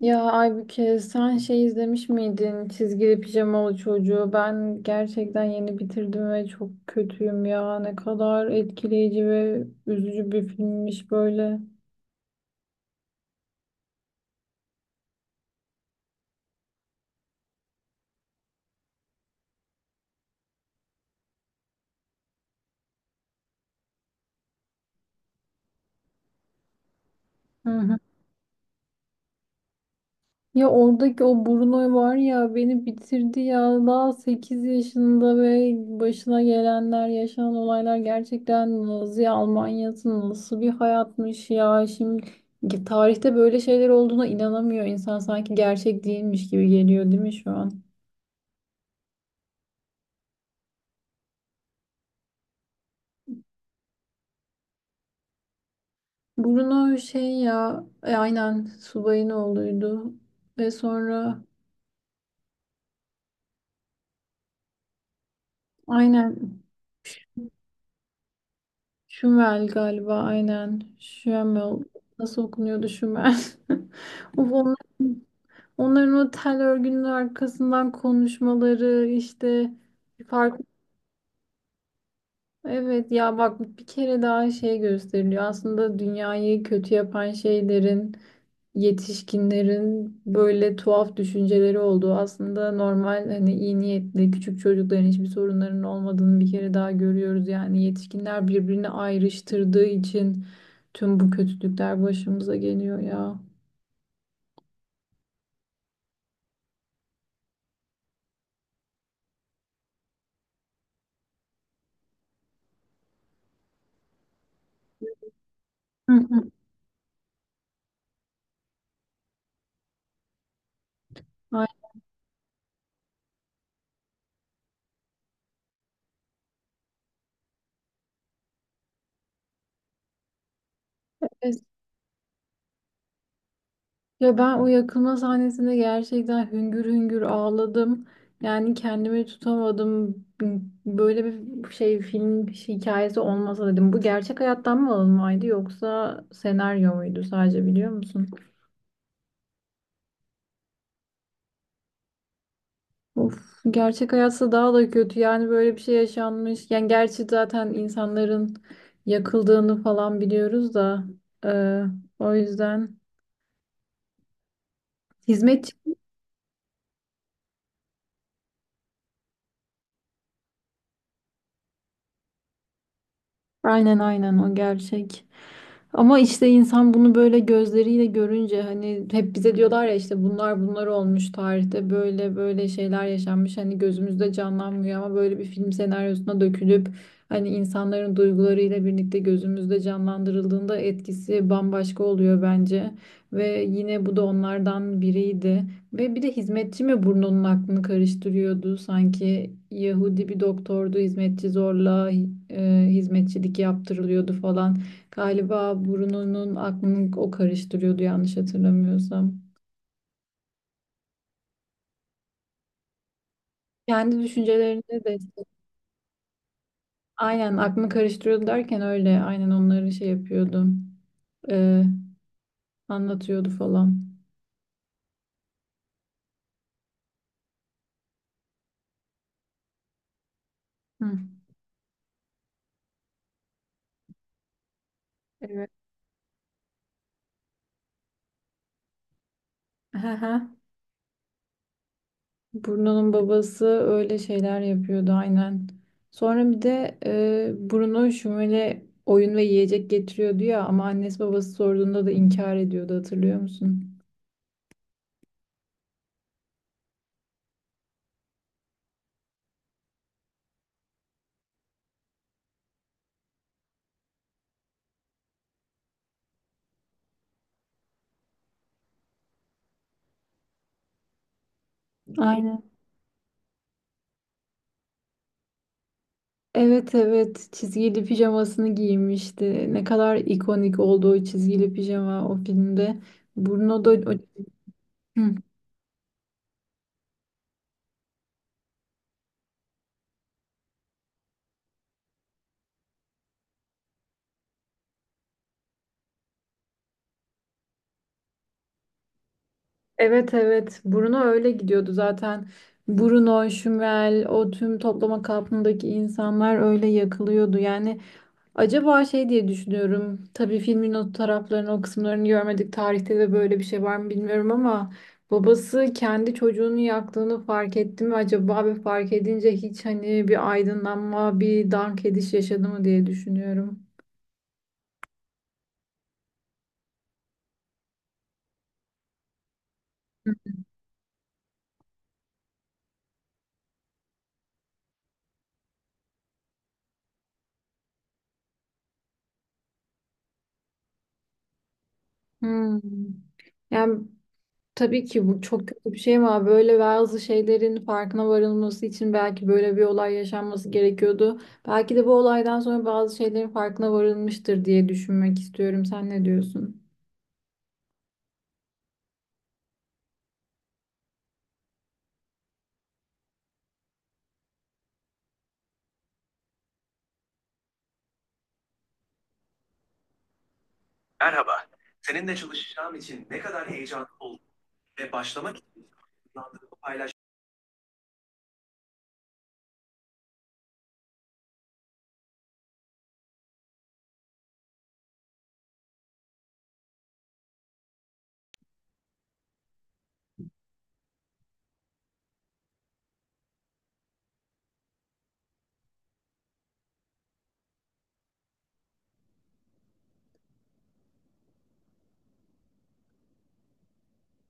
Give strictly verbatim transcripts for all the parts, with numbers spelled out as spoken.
Ya Aybüke sen şey izlemiş miydin? Çizgili pijamalı çocuğu. Ben gerçekten yeni bitirdim ve çok kötüyüm ya. Ne kadar etkileyici ve üzücü bir filmmiş böyle. Hı hı. Ya oradaki o Bruno var ya beni bitirdi ya. Daha sekiz yaşında ve başına gelenler, yaşanan olaylar gerçekten Nazi Almanya'sı nasıl bir hayatmış ya. Şimdi tarihte böyle şeyler olduğuna inanamıyor insan. Sanki gerçek değilmiş gibi geliyor değil mi şu an? Bruno şey ya e, aynen subayın oğluydu. Ve sonra aynen Şümel galiba aynen Şümel nasıl okunuyordu Şümel? Of, on- onların o tel örgünün arkasından konuşmaları işte bir fark evet ya bak bir kere daha şey gösteriliyor. Aslında dünyayı kötü yapan şeylerin yetişkinlerin böyle tuhaf düşünceleri olduğu aslında normal hani iyi niyetli küçük çocukların hiçbir sorunlarının olmadığını bir kere daha görüyoruz. Yani yetişkinler birbirini ayrıştırdığı için tüm bu kötülükler başımıza geliyor ya. Hı hı. Aynen. Ya ben o yakılma sahnesinde gerçekten hüngür hüngür ağladım. Yani kendimi tutamadım. Böyle bir şey film hikayesi olmasa dedim. Bu gerçek hayattan mı alınmaydı yoksa senaryo muydu sadece biliyor musun? Of, gerçek hayatsa daha da kötü. Yani böyle bir şey yaşanmış. Yani gerçi zaten insanların yakıldığını falan biliyoruz da. e, O yüzden hizmetçi. Aynen aynen o gerçek. Ama işte insan bunu böyle gözleriyle görünce hani hep bize diyorlar ya işte bunlar bunlar olmuş tarihte böyle böyle şeyler yaşanmış hani gözümüzde canlanmıyor ama böyle bir film senaryosuna dökülüp hani insanların duygularıyla birlikte gözümüzde canlandırıldığında etkisi bambaşka oluyor bence ve yine bu da onlardan biriydi. Ve bir de hizmetçi mi burnunun aklını karıştırıyordu? Sanki Yahudi bir doktordu, hizmetçi zorla e, hizmetçilik yaptırılıyordu falan. Galiba burnunun aklını o karıştırıyordu yanlış hatırlamıyorsam. Kendi düşüncelerini de işte, aynen aklını karıştırıyordu derken öyle aynen onları şey yapıyordu. e, Anlatıyordu falan. Hı. Evet. Bruno'nun babası öyle şeyler yapıyordu aynen. Sonra bir de e, Bruno Şumel'e oyun ve yiyecek getiriyordu ya ama annesi babası sorduğunda da inkar ediyordu hatırlıyor musun? Aynen. Evet evet çizgili pijamasını giymişti. Ne kadar ikonik oldu o çizgili pijama o filmde. Bruno da o- Hı. Evet evet Bruno öyle gidiyordu zaten. Bruno, Şumel, o tüm toplama kampındaki insanlar öyle yakılıyordu. Yani acaba şey diye düşünüyorum. Tabii filmin o taraflarını, o kısımlarını görmedik. Tarihte de böyle bir şey var mı bilmiyorum ama babası kendi çocuğunu yaktığını fark etti mi acaba ve fark edince hiç hani bir aydınlanma, bir dank ediş yaşadı mı diye düşünüyorum. Hmm. Yani tabii ki bu çok kötü bir şey ama böyle bazı şeylerin farkına varılması için belki böyle bir olay yaşanması gerekiyordu. Belki de bu olaydan sonra bazı şeylerin farkına varılmıştır diye düşünmek istiyorum. Sen ne diyorsun?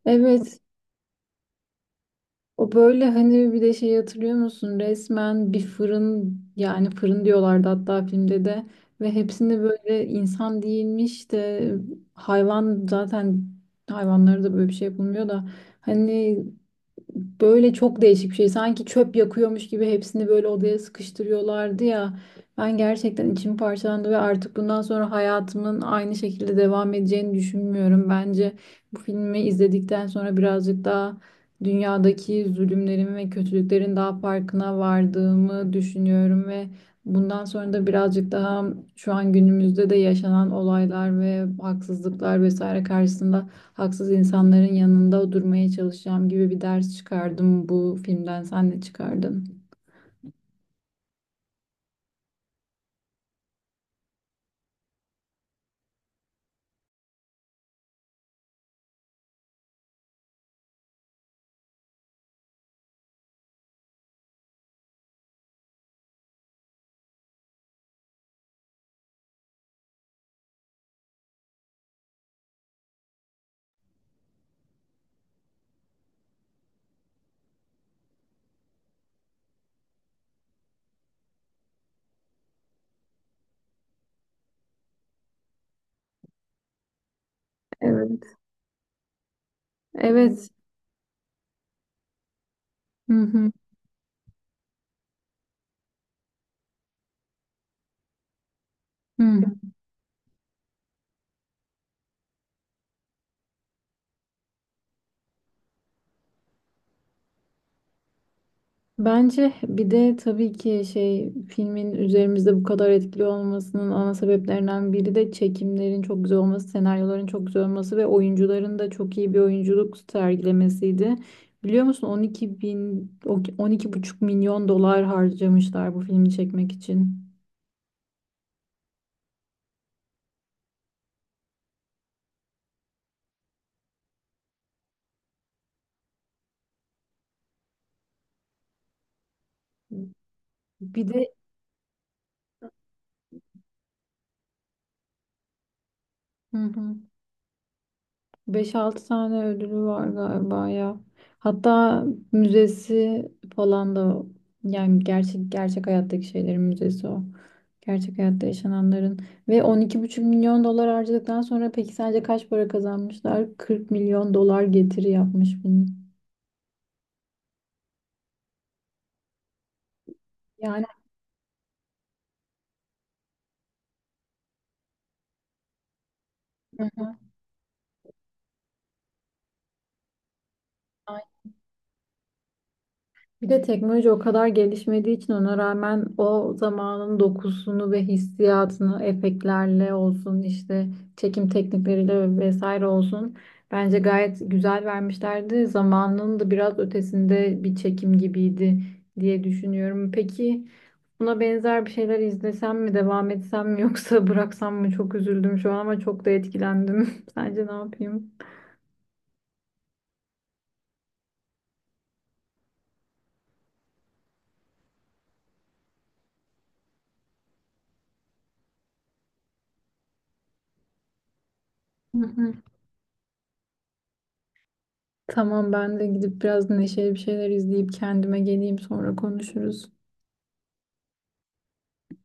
Evet, o böyle hani bir de şey hatırlıyor musun? Resmen bir fırın yani fırın diyorlardı hatta filmde de ve hepsinde böyle insan değilmiş de hayvan zaten hayvanlara da böyle bir şey yapılmıyor da hani böyle çok değişik bir şey. Sanki çöp yakıyormuş gibi hepsini böyle odaya sıkıştırıyorlardı ya. Ben gerçekten içim parçalandı ve artık bundan sonra hayatımın aynı şekilde devam edeceğini düşünmüyorum. Bence bu filmi izledikten sonra birazcık daha dünyadaki zulümlerin ve kötülüklerin daha farkına vardığımı düşünüyorum ve bundan sonra da birazcık daha şu an günümüzde de yaşanan olaylar ve haksızlıklar vesaire karşısında haksız insanların yanında durmaya çalışacağım gibi bir ders çıkardım bu filmden. Sen ne çıkardın? Evet. Evet. Hı hı. Hı. Bence bir de tabii ki şey filmin üzerimizde bu kadar etkili olmasının ana sebeplerinden biri de çekimlerin çok güzel olması, senaryoların çok güzel olması ve oyuncuların da çok iyi bir oyunculuk sergilemesiydi. Biliyor musun on iki bin, on iki buçuk milyon dolar harcamışlar bu filmi çekmek için. Bir de hı hı. Beş altı tane ödülü var galiba ya. Hatta müzesi falan da o. Yani gerçek gerçek hayattaki şeylerin müzesi o. Gerçek hayatta yaşananların ve on iki buçuk milyon dolar harcadıktan sonra peki sadece kaç para kazanmışlar? Kırk milyon dolar getiri yapmış bunun. Yani hı hı. Bir de teknoloji o kadar gelişmediği için ona rağmen o zamanın dokusunu ve hissiyatını efektlerle olsun işte çekim teknikleriyle vesaire olsun bence gayet güzel vermişlerdi. Zamanının da biraz ötesinde bir çekim gibiydi diye düşünüyorum. Peki buna benzer bir şeyler izlesem mi, devam etsem mi yoksa bıraksam mı? Çok üzüldüm şu an ama çok da etkilendim. Sence ne yapayım? Tamam ben de gidip biraz neşeli bir şeyler izleyip kendime geleyim sonra konuşuruz.